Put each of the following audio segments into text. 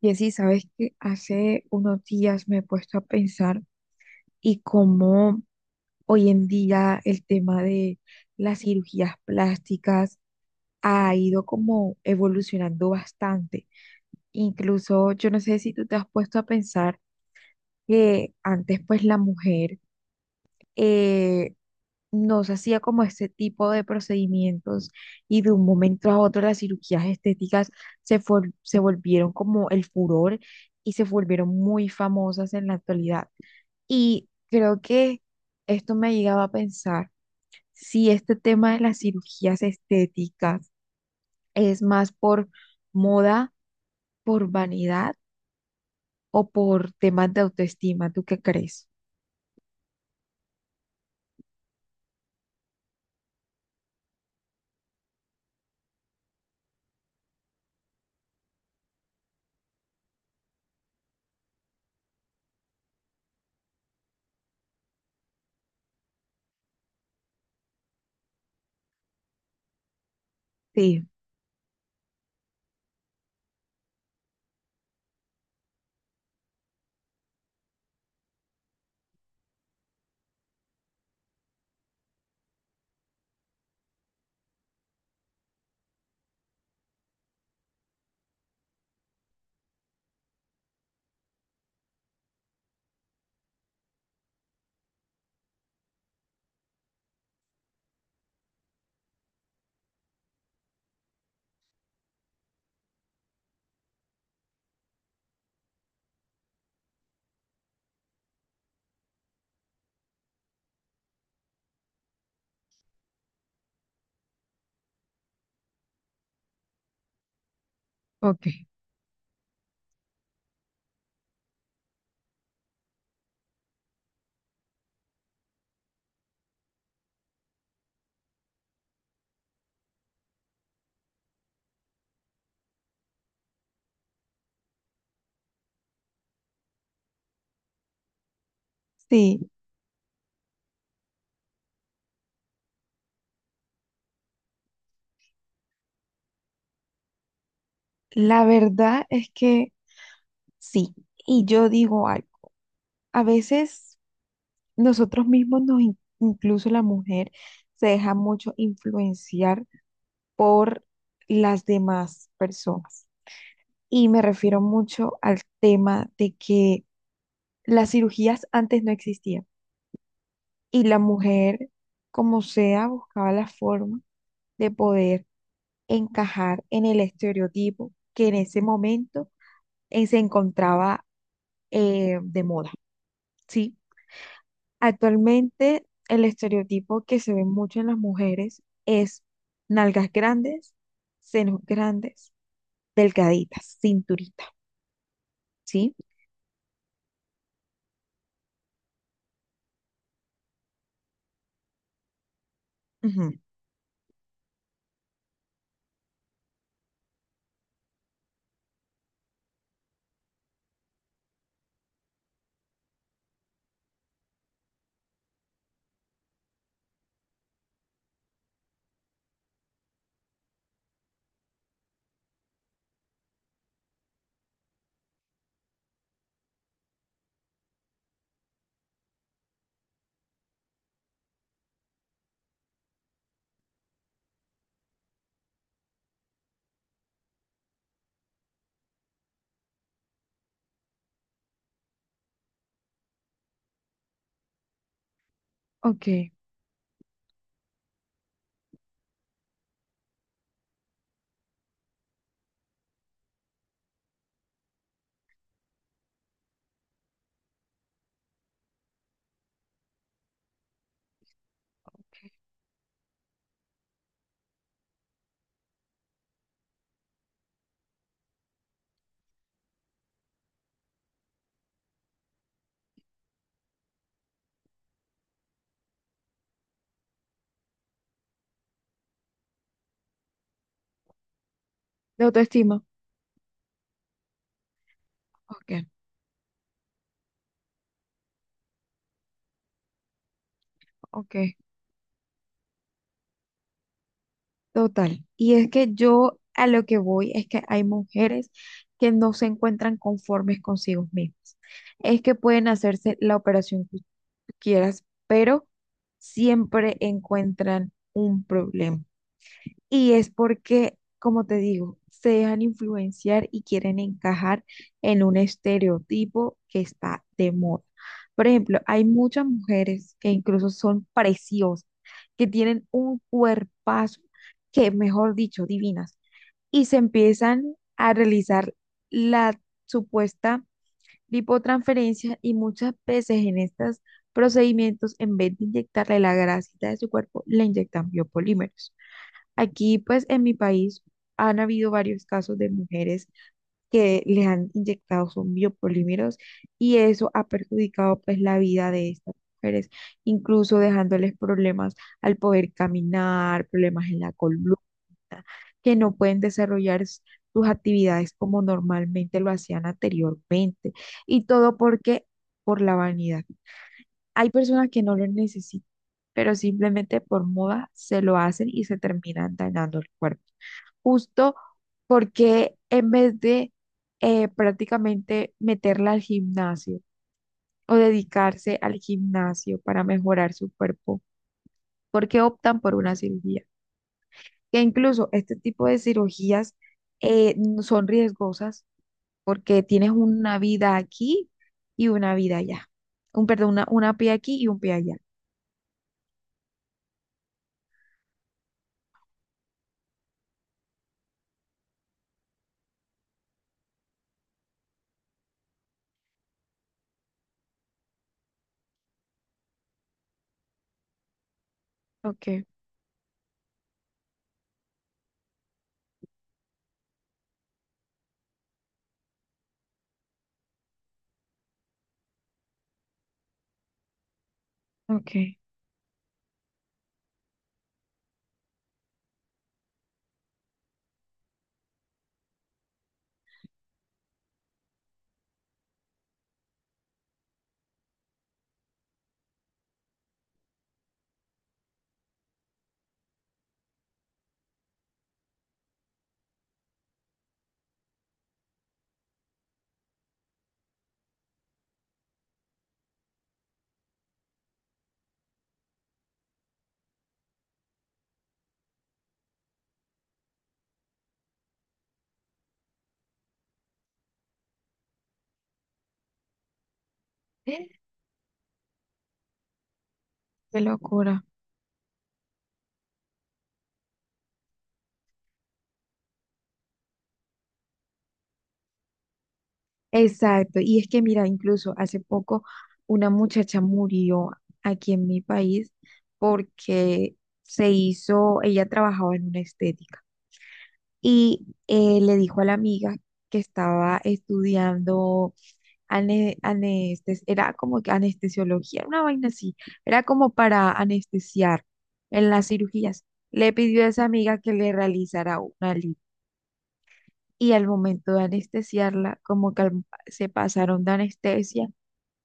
Y así, sabes que hace unos días me he puesto a pensar y cómo hoy en día el tema de las cirugías plásticas ha ido como evolucionando bastante. Incluso yo no sé si tú te has puesto a pensar que antes pues la mujer, eh, no se hacía como este tipo de procedimientos y de un momento a otro las cirugías estéticas se volvieron como el furor y se volvieron muy famosas en la actualidad. Y creo que esto me ha llegado a pensar si este tema de las cirugías estéticas es más por moda, por vanidad o por temas de autoestima. ¿Tú qué crees? Sí, ok. Sí, la verdad es que sí. Y yo digo algo, a veces nosotros mismos nos, in- incluso la mujer, se deja mucho influenciar por las demás personas. Y me refiero mucho al tema de que las cirugías antes no existían. Y la mujer, como sea, buscaba la forma de poder encajar en el estereotipo que en ese momento se encontraba de moda, ¿sí? Actualmente, el estereotipo que se ve mucho en las mujeres es nalgas grandes, senos grandes, delgaditas, cinturita, ¿sí? Ujú. Ok, ok. De autoestima. Ok, ok. Total. Y es que yo a lo que voy es que hay mujeres que no se encuentran conformes consigo mismas. Es que pueden hacerse la operación que tú quieras, pero siempre encuentran un problema. Y es porque, como te digo, se dejan influenciar y quieren encajar en un estereotipo que está de moda. Por ejemplo, hay muchas mujeres que incluso son preciosas, que tienen un cuerpazo que, mejor dicho, divinas, y se empiezan a realizar la supuesta lipotransferencia y muchas veces en estos procedimientos, en vez de inyectarle la grasita de su cuerpo, le inyectan biopolímeros. Aquí, pues en mi país han habido varios casos de mujeres que les han inyectado son biopolímeros y eso ha perjudicado pues la vida de estas mujeres, incluso dejándoles problemas al poder caminar, problemas en la columna, que no pueden desarrollar sus actividades como normalmente lo hacían anteriormente y todo porque por la vanidad. Hay personas que no lo necesitan, pero simplemente por moda se lo hacen y se terminan dañando el cuerpo. Justo porque en vez de prácticamente meterla al gimnasio o dedicarse al gimnasio para mejorar su cuerpo, ¿porque optan por una cirugía? Que incluso este tipo de cirugías son riesgosas porque tienes una vida aquí y una vida allá. Perdón, una pie aquí y un pie allá. Ok, ok. Qué locura. Exacto. Y es que, mira, incluso hace poco una muchacha murió aquí en mi país porque se hizo, ella trabajaba en una estética y le dijo a la amiga que estaba estudiando anestes, era como que anestesiología, una vaina así, era como para anestesiar en las cirugías. Le pidió a esa amiga que le realizara una lipo. Y al momento de anestesiarla, como que se pasaron de anestesia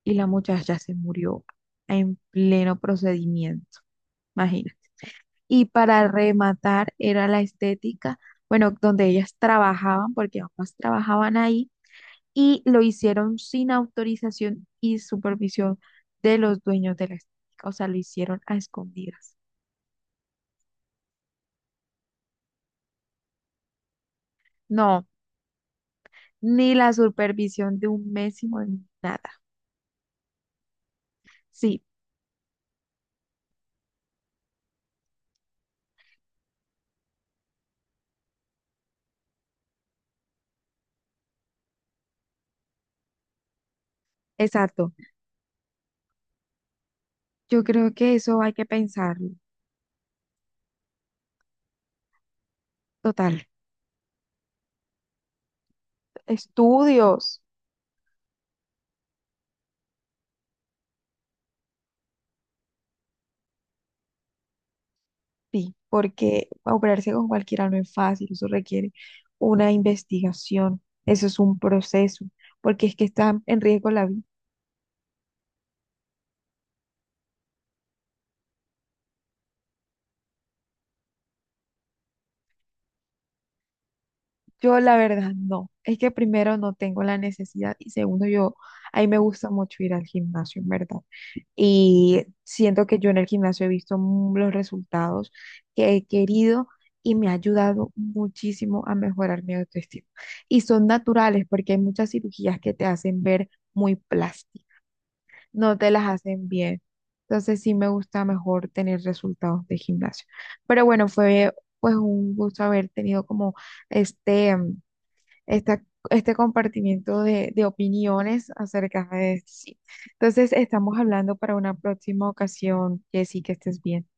y la muchacha se murió en pleno procedimiento, imagina. Y para rematar era la estética, bueno, donde ellas trabajaban, porque ambas trabajaban ahí, y lo hicieron sin autorización y supervisión de los dueños de la estética, o sea, lo hicieron a escondidas. No, ni la supervisión de un mésimo, ni nada. Sí, exacto. Yo creo que eso hay que pensarlo. Total. Estudios, sí, porque operarse con cualquiera no es fácil, eso requiere una investigación, eso es un proceso, porque es que está en riesgo la vida. Yo la verdad no, es que primero no tengo la necesidad y segundo yo, a mí me gusta mucho ir al gimnasio, en verdad. Y siento que yo en el gimnasio he visto los resultados que he querido y me ha ayudado muchísimo a mejorar mi autoestima. Y son naturales porque hay muchas cirugías que te hacen ver muy plástica, no te las hacen bien. Entonces sí me gusta mejor tener resultados de gimnasio. Pero bueno, fue pues un gusto haber tenido como este mm, esta- este compartimiento de opiniones acerca de este sitio. Entonces, estamos hablando para una próxima ocasión, Jessy, que estés bien.